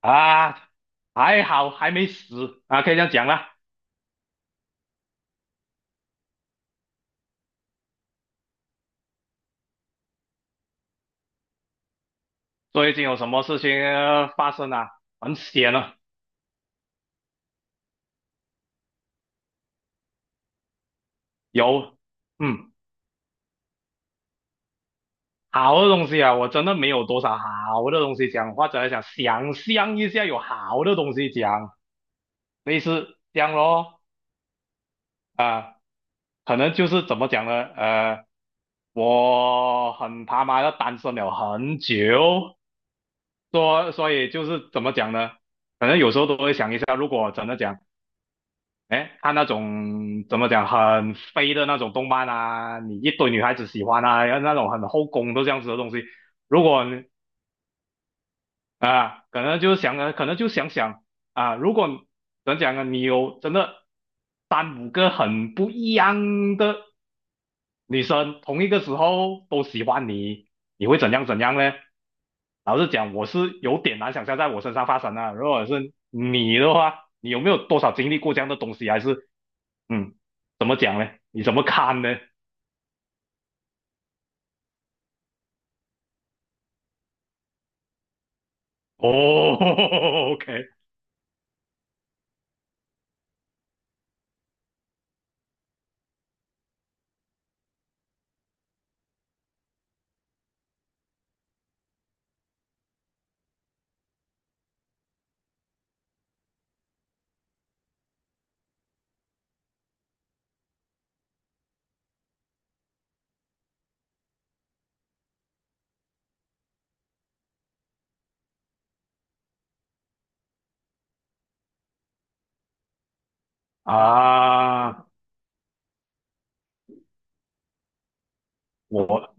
啊，还好还没死啊，可以这样讲啦。最近有什么事情发生啊？很险啊，有，嗯，好的东西啊，我真的没有多少好的东西讲，或者想想象一下有好的东西讲，类似这样咯。啊，可能就是怎么讲呢？呃，我很他妈的单身了很久，所以就是怎么讲呢？可能有时候都会想一下，如果真的讲。哎，看那种怎么讲很飞的那种动漫啊，你一堆女孩子喜欢啊，然后那种很后宫都这样子的东西。如果你啊，可能就想啊，可能就想想啊，如果怎么讲啊，你有真的三五个很不一样的女生，同一个时候都喜欢你，你会怎样怎样呢？老实讲，我是有点难想象在我身上发生啊。如果是你的话，你有没有多少经历过这样的东西？还是嗯，怎么讲呢？你怎么看呢？哦 ，OK 啊，我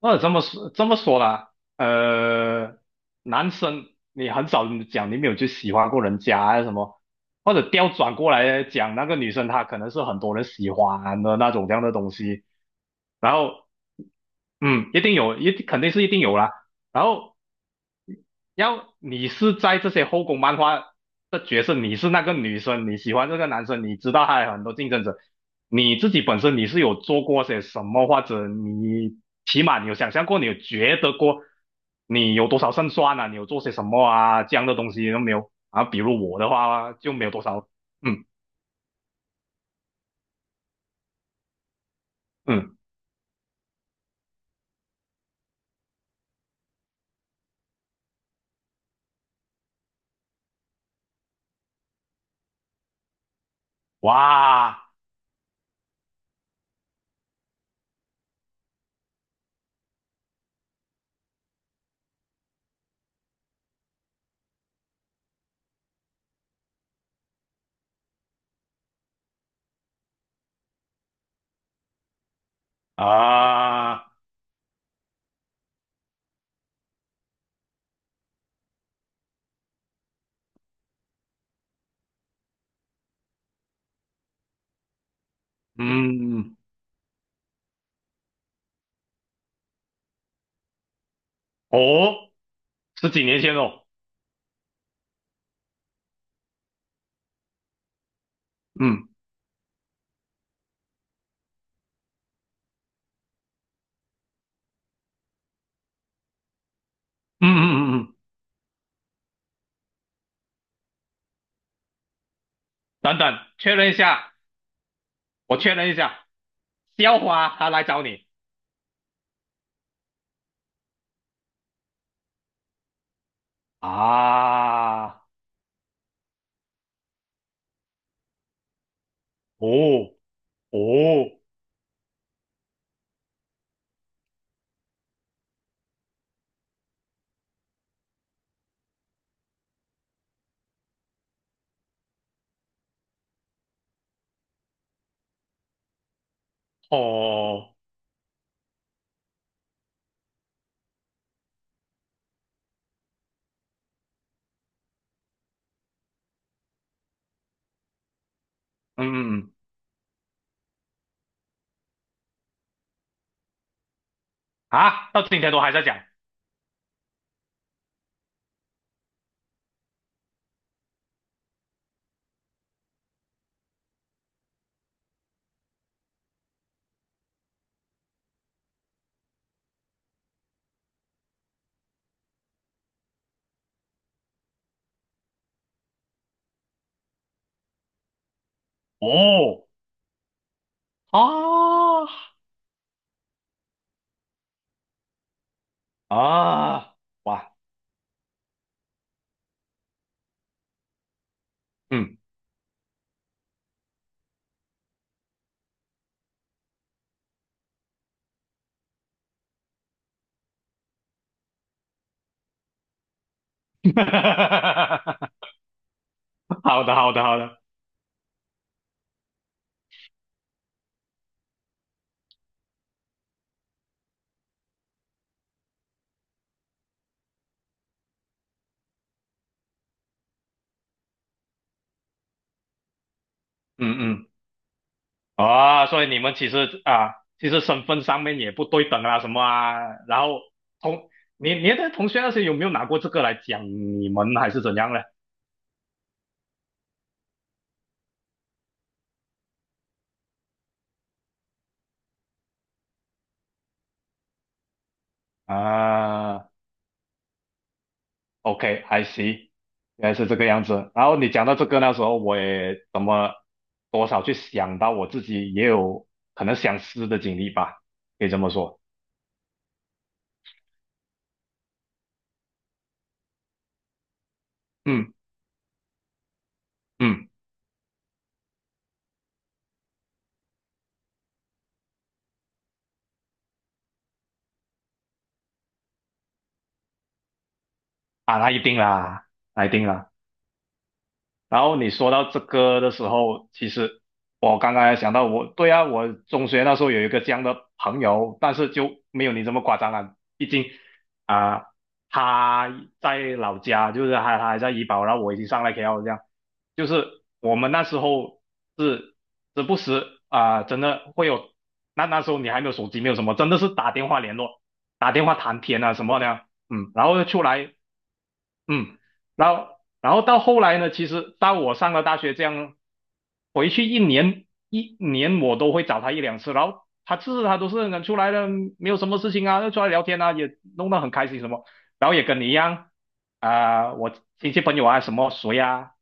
那这么说这么说啦，男生你很少讲你没有去喜欢过人家啊什么，或者调转过来讲，那个女生她可能是很多人喜欢的那种这样的东西，然后嗯，一定有，一定肯定是一定有啦，然后要你是在这些后宫漫画的角色，你是那个女生，你喜欢这个男生，你知道还有很多竞争者，你自己本身你是有做过些什么，或者你起码你有想象过，你有觉得过，你有多少胜算啊，你有做些什么啊，这样的东西都没有啊。比如我的话就没有多少，嗯嗯，哇啊，嗯哦，十几年前哦，嗯嗯嗯嗯嗯，等等，确认一下。我确认一下，校花他来找你啊？哦哦哦，嗯嗯啊，到今天都还在讲哦啊啊哇，嗯，好的好的好的，嗯嗯啊，所以你们其实啊，其实身份上面也不对等啊什么啊，然后同你你的同学那些有没有拿过这个来讲你们还是怎样呢？啊。OK，I see，原来是这个样子。然后你讲到这个，那时候我也怎么多少去想到我自己也有可能想似的经历吧，可以这么说。嗯嗯，啊，那一定啦，那一定啦。然后你说到这个的时候，其实我刚刚也想到我，对啊，我中学那时候有一个这样的朋友，但是就没有你这么夸张啊。毕竟啊、他在老家，就是他还在医保，然后我已经上来 KL 这样，就是我们那时候是时不时啊、真的会有，那时候你还没有手机，没有什么，真的是打电话联络，打电话谈天啊什么的，嗯，然后出来嗯，然后然后到后来呢，其实到我上了大学，这样回去一年一年我都会找他一两次，然后他次次他都是能出来的，没有什么事情啊，就出来聊天啊，也弄得很开心什么，然后也跟你一样啊、我亲戚朋友啊什么谁啊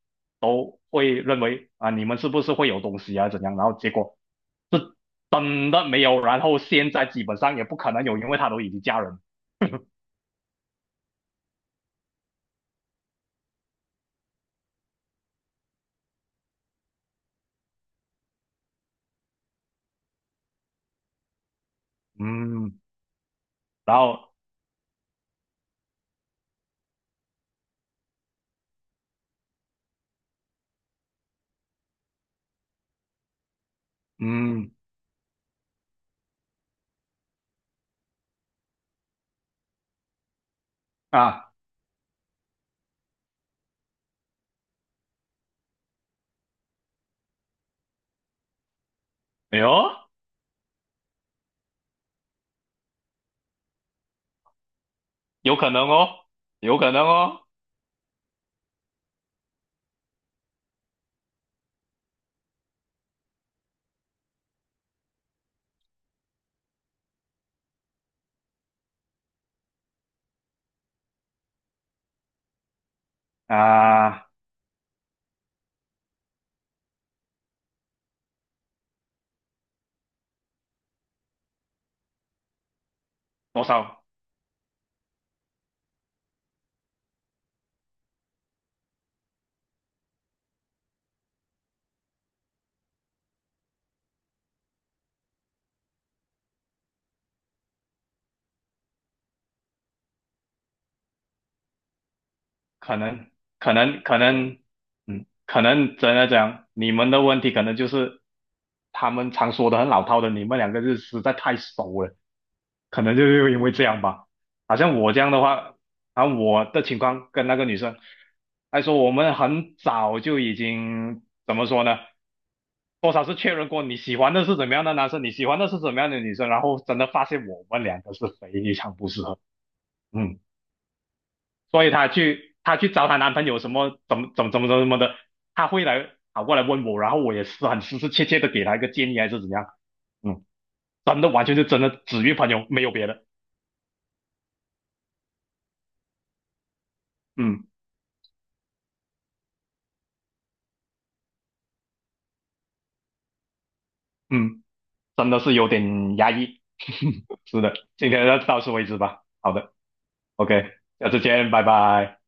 都会认为啊、你们是不是会有东西啊怎样，然后结果真的没有，然后现在基本上也不可能有，因为他都已经嫁人，嗯，然后嗯啊，哎呦。有可能哦，有可能哦，啊，多少？可能可能可能，嗯，可能真的讲，你们的问题可能就是他们常说的很老套的，你们两个是实在太熟了，可能就是因为这样吧。好像我这样的话，啊，我的情况跟那个女生，还说我们很早就已经怎么说呢？多少是确认过你喜欢的是怎么样的男生，你喜欢的是怎么样的女生，然后真的发现我们两个是非常不适合，嗯。所以她去找她男朋友什么怎么怎么怎么怎么的，她会来跑过来问我，然后我也是很实实切切的给她一个建议还是怎样，嗯，真的完全是真的只约朋友没有别的，嗯嗯，真的是有点压抑，是的，今天就到此为止吧，好的，OK，下次见，拜拜。